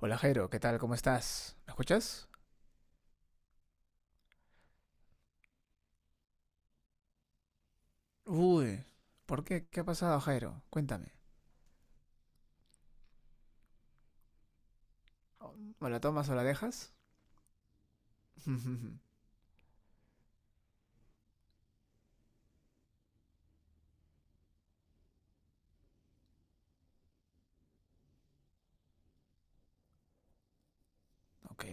Hola Jairo, ¿qué tal? ¿Cómo estás? ¿Me escuchas? Uy, ¿por qué? ¿Qué ha pasado, Jairo? Cuéntame. ¿O la tomas o la dejas? Ok,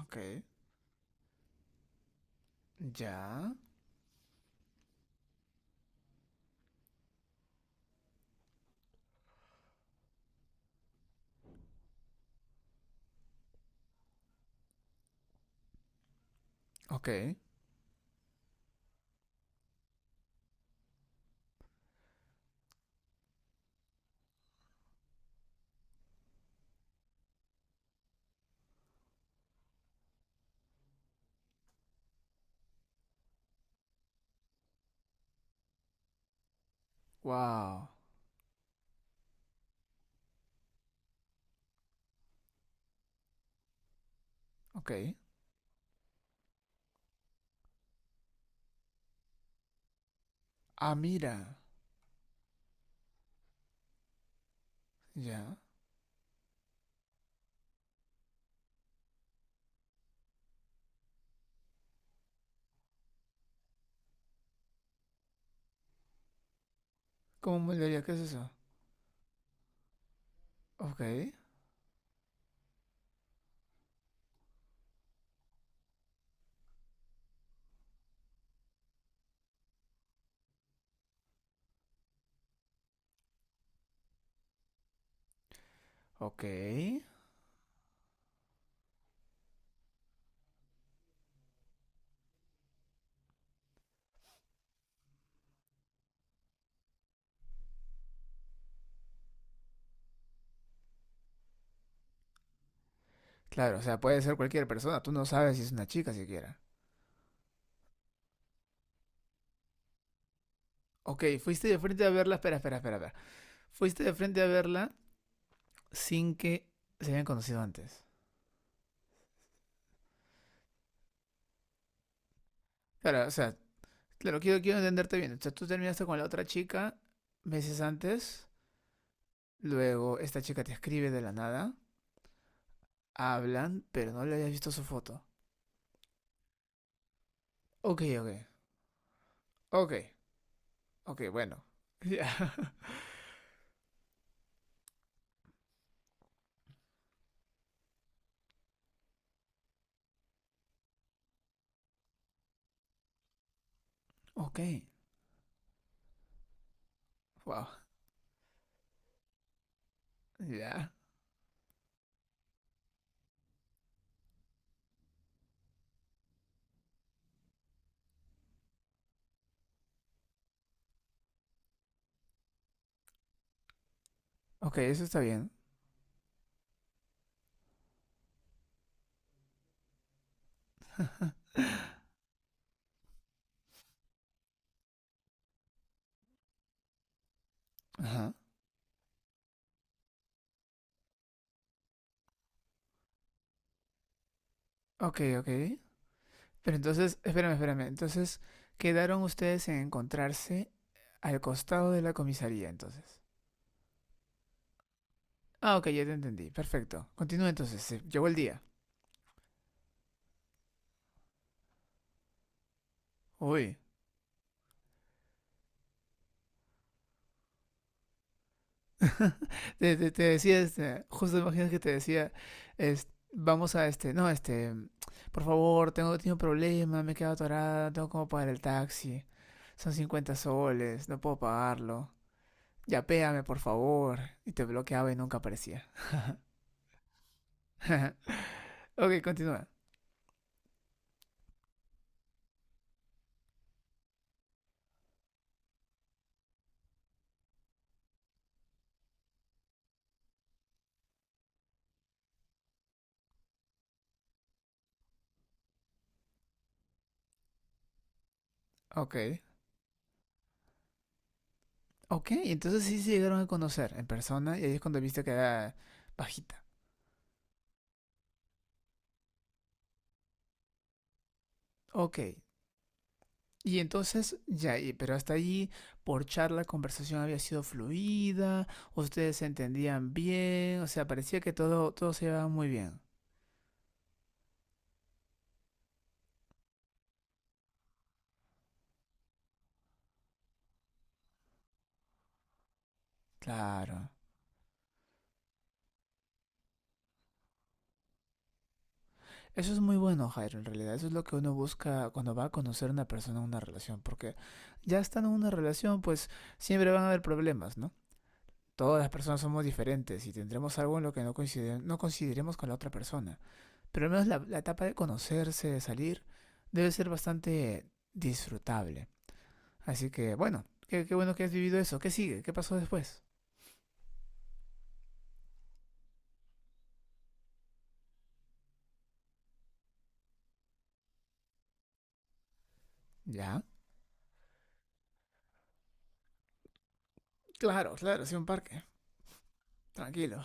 ok. Ya. Ok. Wow. Ok. Ah, mira. Ya. ¿Cómo moldearía? ¿Qué es eso? Ok. Ok. Claro, o sea, puede ser cualquier persona. Tú no sabes si es una chica siquiera. Ok, fuiste de frente a verla. Espera, espera, espera, espera. Fuiste de frente a verla sin que se hayan conocido antes. Claro, o sea, claro, quiero, quiero entenderte bien. O sea, tú terminaste con la otra chica meses antes, luego esta chica te escribe de la nada, hablan, pero no le habías visto su foto. Ok, ok, ok, ok, bueno. Ya. Ok, wow, ya. Ok, eso está bien. Ajá. Ok, ok. Pero entonces, espérame, espérame. Entonces, quedaron ustedes en encontrarse al costado de la comisaría, entonces. Ah, ok, ya te entendí. Perfecto. Continúa entonces. Se llegó el día. Uy, te decía, este, justo imaginas que te decía, es, vamos a este, no, este, por favor, tengo, tengo un problema, me he quedado atorada, no tengo como pagar el taxi, son 50 soles, no puedo pagarlo, ya péame por favor, y te bloqueaba y nunca aparecía. Ok, continúa. Ok. Ok, entonces sí se llegaron a conocer en persona y ahí es cuando viste que era bajita. Ok, y entonces, ya, pero hasta allí, por charla, la conversación había sido fluida, ustedes se entendían bien, o sea, parecía que todo, todo se llevaba muy bien. Claro. Eso es muy bueno, Jairo, en realidad. Eso es lo que uno busca cuando va a conocer a una persona en una relación, porque ya estando en una relación, pues siempre van a haber problemas, ¿no? Todas las personas somos diferentes y tendremos algo en lo que no, coincide, no coincidiremos con la otra persona. Pero al menos la etapa de conocerse, de salir, debe ser bastante disfrutable. Así que, bueno, qué, qué bueno que has vivido eso. ¿Qué sigue? ¿Qué pasó después? ¿Ya? Claro, claro, sí, un parque. Tranquilo.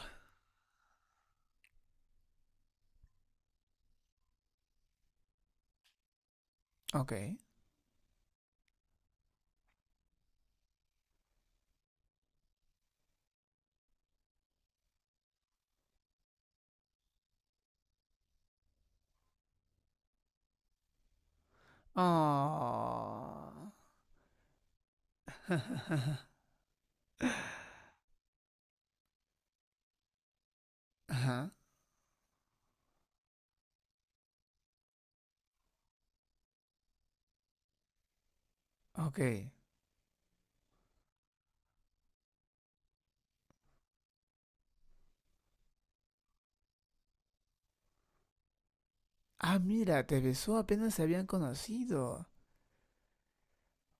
Ok. Oh. Ajá. Ok. Ah, mira, te besó apenas se habían conocido.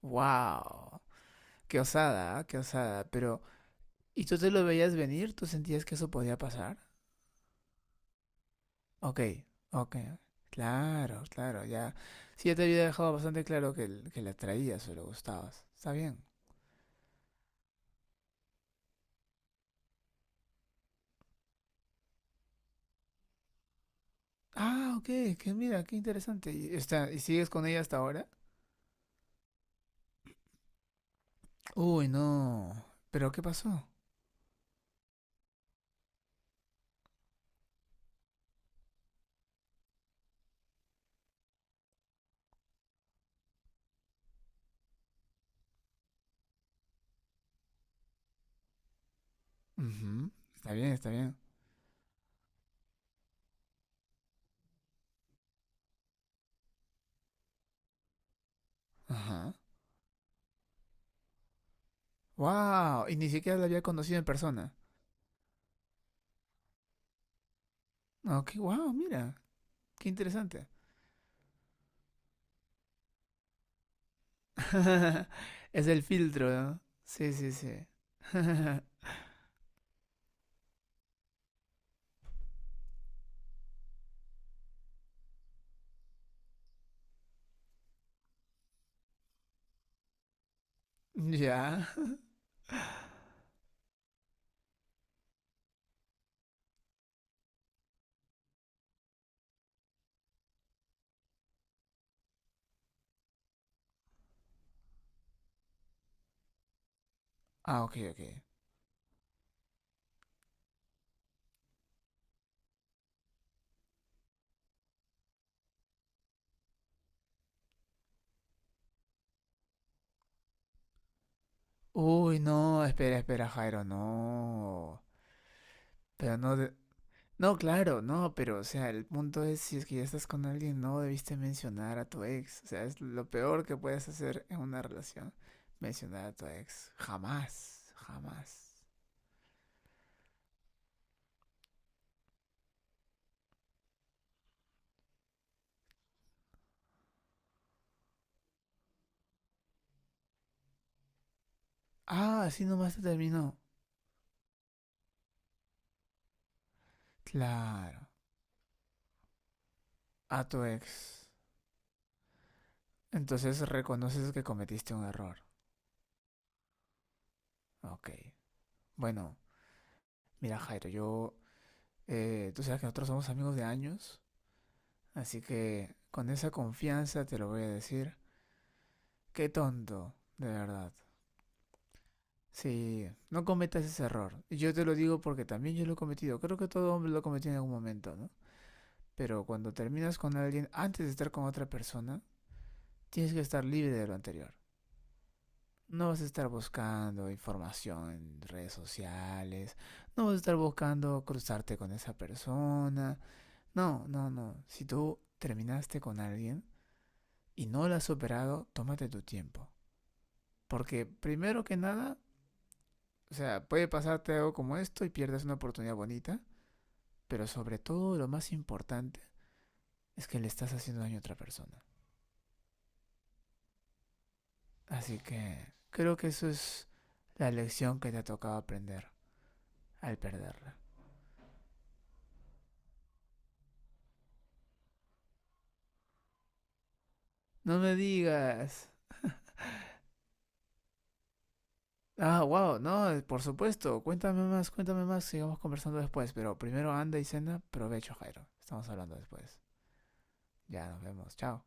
Wow. Qué osada, ¿ah? Qué osada. Pero, ¿y tú te lo veías venir? ¿Tú sentías que eso podía pasar? Ok, ok. Claro, claro, ya. Sí, ya te había dejado bastante claro que la traías o le gustabas. Está bien. Ah, ok, que mira, qué interesante. Y, está, ¿y sigues con ella hasta ahora? Uy, no. ¿Pero qué pasó? Ujú, está bien, está bien. Ajá. Wow, y ni siquiera la había conocido en persona. Ok, wow, mira, qué interesante. Es el filtro, ¿no? Sí, sí, sí. Ya. Ah, ok, ok. Uy, no, espera, espera, Jairo, no. Pero no, de- No, claro, no, pero o sea, el punto es si es que ya estás con alguien, no debiste mencionar a tu ex. O sea, es lo peor que puedes hacer en una relación, mencionar a tu ex. Jamás, jamás. Ah, así nomás te terminó. Claro, a tu ex. Entonces reconoces que cometiste un error. Ok. Bueno, mira Jairo, yo, tú sabes que nosotros somos amigos de años, así que con esa confianza te lo voy a decir. Qué tonto, de verdad. Sí, no cometas ese error. Y yo te lo digo porque también yo lo he cometido. Creo que todo hombre lo ha cometido en algún momento, ¿no? Pero cuando terminas con alguien antes de estar con otra persona, tienes que estar libre de lo anterior. No vas a estar buscando información en redes sociales, no vas a estar buscando cruzarte con esa persona. No, no, no. Si tú terminaste con alguien y no lo has superado, tómate tu tiempo. Porque primero que nada, o sea, puede pasarte algo como esto y pierdes una oportunidad bonita. Pero sobre todo lo más importante es que le estás haciendo daño a otra persona. Así que creo que eso es la lección que te ha tocado aprender al perderla. No me digas. Ah, wow, no, por supuesto. Cuéntame más, sigamos conversando después. Pero primero anda y cena, provecho, Jairo. Estamos hablando después. Ya nos vemos, chao.